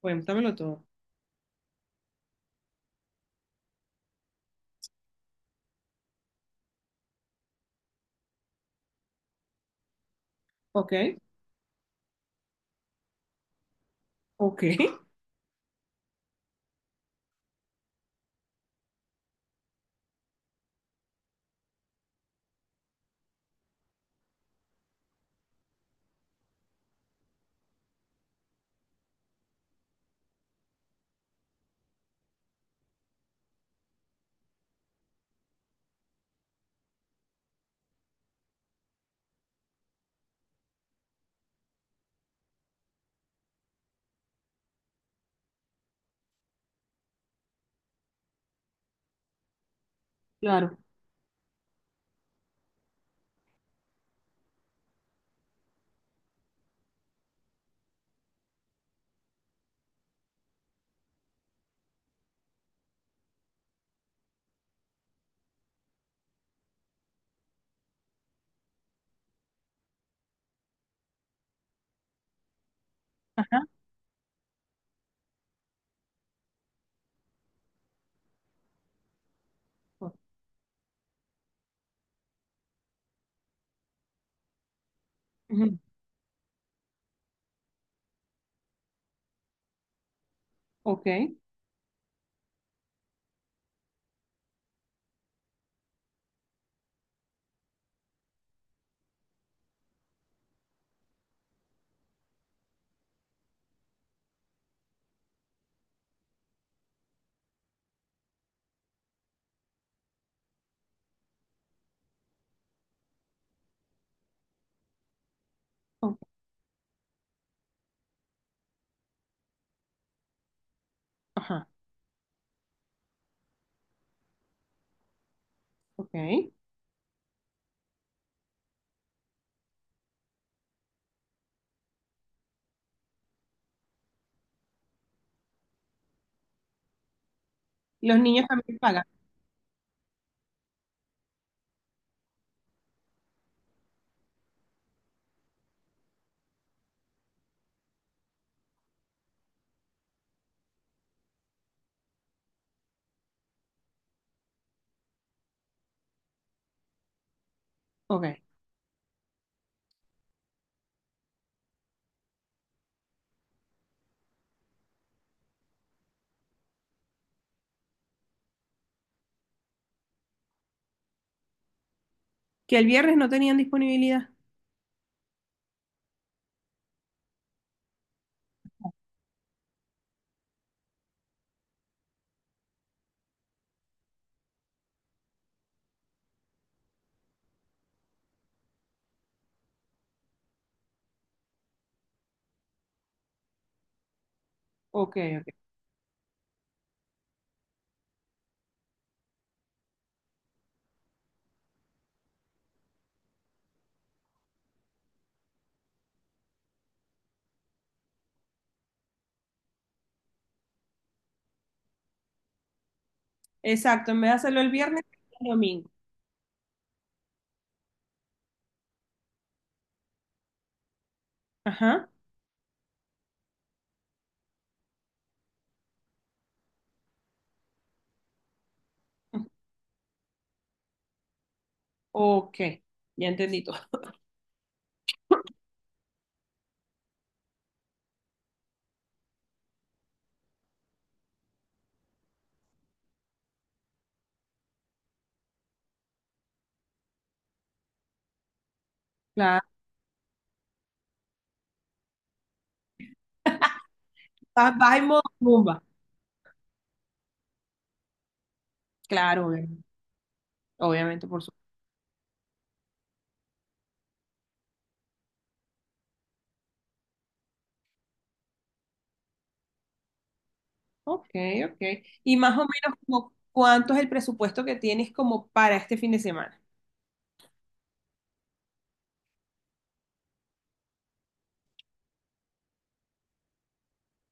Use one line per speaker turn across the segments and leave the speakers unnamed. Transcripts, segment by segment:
Cuéntamelo todo. Ok, ok, claro. o- Ujú. Ok, ok, ajá, ok. Los niños también pagan. Ok. Que el viernes no tenían disponibilidad. Ok, ok. Exacto, en vez de hacerlo el viernes, el domingo. Ajá. Ujú. Ok, ya entendí todo. Claro. Vas en modo rumba. Claro, obviamente, obviamente, por supuesto. Ok, ok. Y más o menos, como, ¿cuánto es el presupuesto que tienes como para este fin de semana?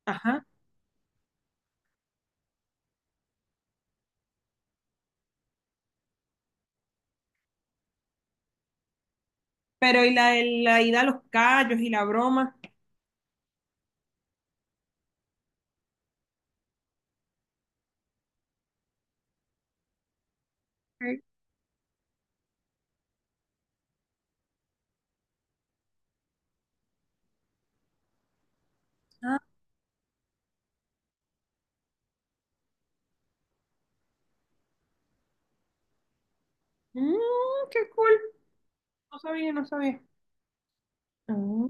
Ajá. Pero y la ida a los callos y la broma. Ah, mm, qué cool. No sabía, no sabía. Mm.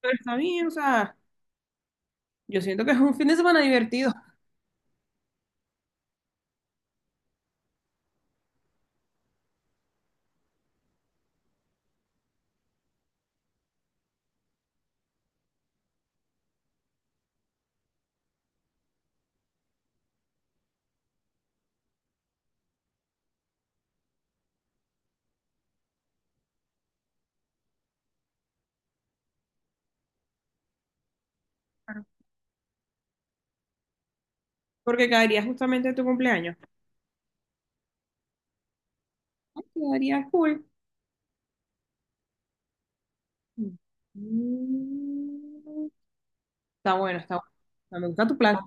Pero está bien, o sea, yo siento que es un fin de semana divertido. Claro. Porque caería justamente en tu cumpleaños. Ah, quedaría cool. Mm. Está bueno, está bueno. O sea, me gusta tu plan.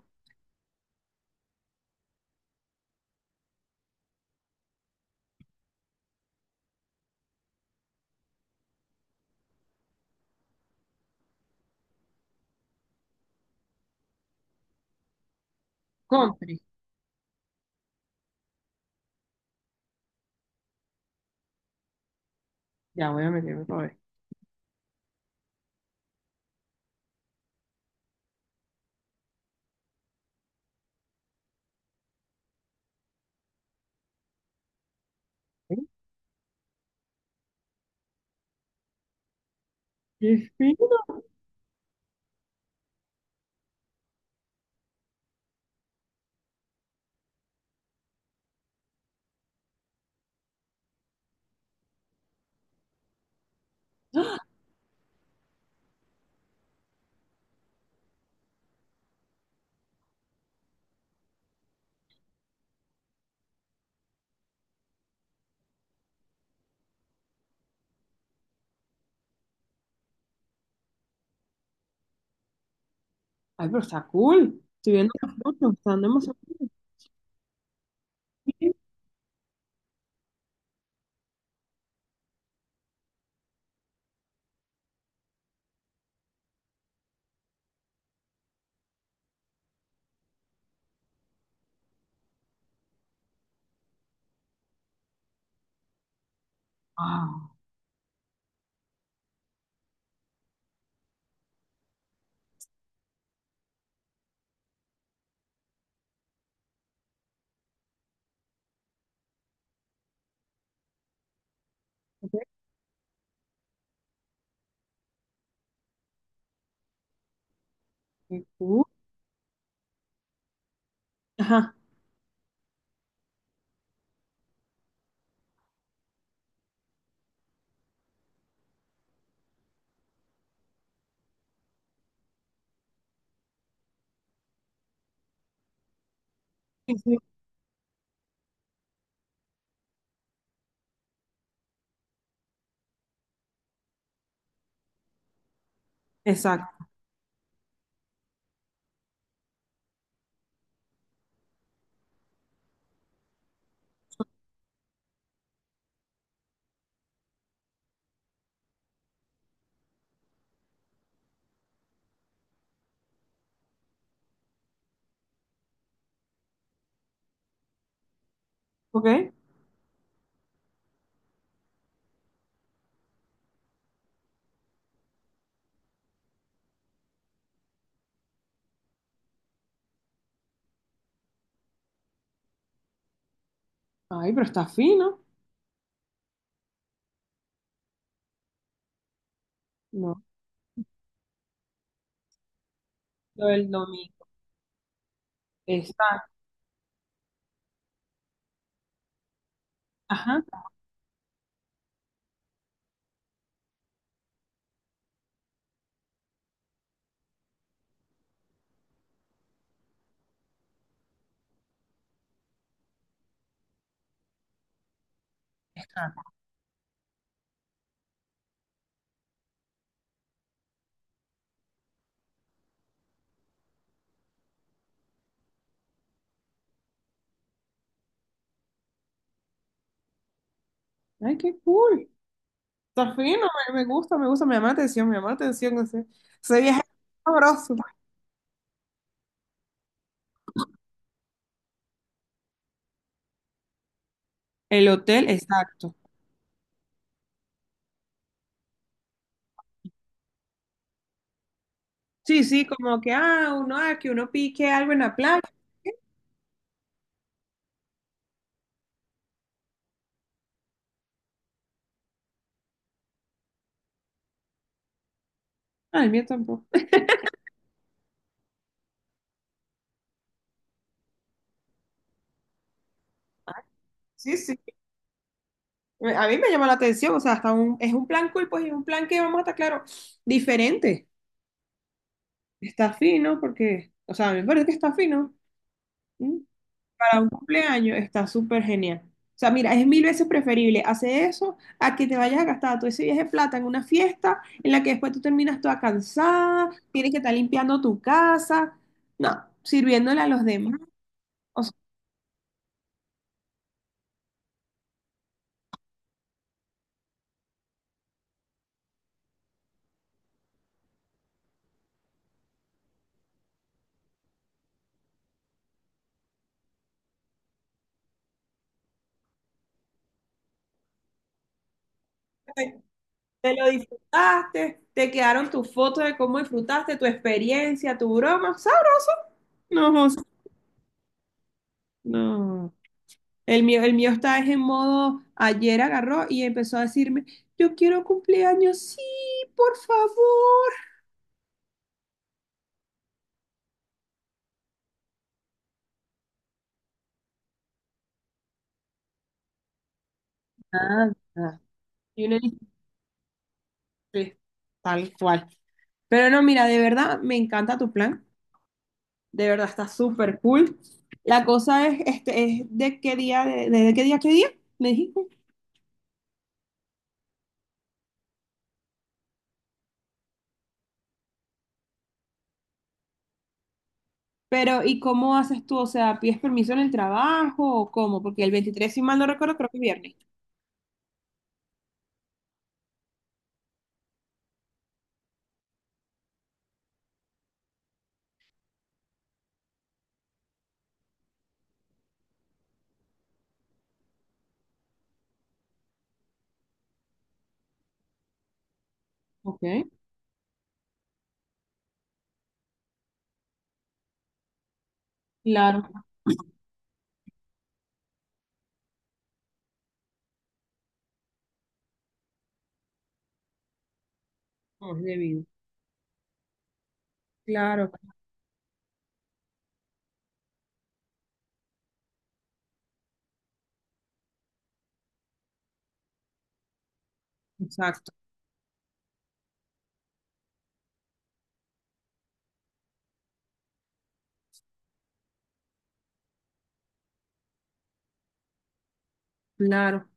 Country. Ya voy a meterme para ver. ¿Eh? ¡Qué fino! Ay, pero está cool. Estoy viendo las fotos, están demasiado cool. Ah, ok, qué cool. Ajá. Sí, sí. Exacto. Ok. Ay, pero está fino. No, lo del domingo. Exacto. Ajá. Ajá. Ay, qué cool. Está fino, me gusta, me gusta, me llama la atención, me llama la atención ese, ese viaje sabroso. El hotel, exacto. Sí, sí, como que, ah, uno, ah, que uno pique algo en la playa. Ah, el mío tampoco. Sí, sí. A mí me llama la atención, o sea, hasta un, es un plan cool, pues, y un plan que vamos a estar claro, diferente. Está fino, porque, o sea, a mí me parece que está fino. Mm. Para un cumpleaños está súper genial. O sea, mira, es mil veces preferible hacer eso a que te vayas a gastar todo ese viaje de plata en una fiesta en la que después tú terminas toda cansada, tienes que estar limpiando tu casa, no, sirviéndole a los demás. O sea, te, te lo disfrutaste, te quedaron tus fotos de cómo disfrutaste, tu experiencia, tu broma, ¿sabes? No, José, no. El mío está es en modo, ayer agarró y empezó a decirme, yo quiero cumpleaños, sí, por favor. Nada. Y uno dice, "Sí, tal cual". Pero no, mira, de verdad me encanta tu plan. De verdad está súper cool. La cosa es, este, es de qué día, de qué día, a qué día, me dijiste. Pero, ¿y cómo haces tú? O sea, ¿pides permiso en el trabajo o cómo? Porque el 23, si mal no recuerdo, creo que es viernes. Ok, claro. No, es debido. Claro, exacto. Claro.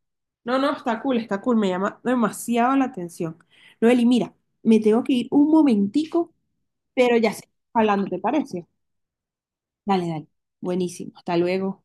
No, no, está cool, está cool. Me llama demasiado la atención. Noeli, mira, me tengo que ir un momentico, pero ya seguimos hablando, ¿te parece? Dale, dale. Buenísimo. Hasta luego.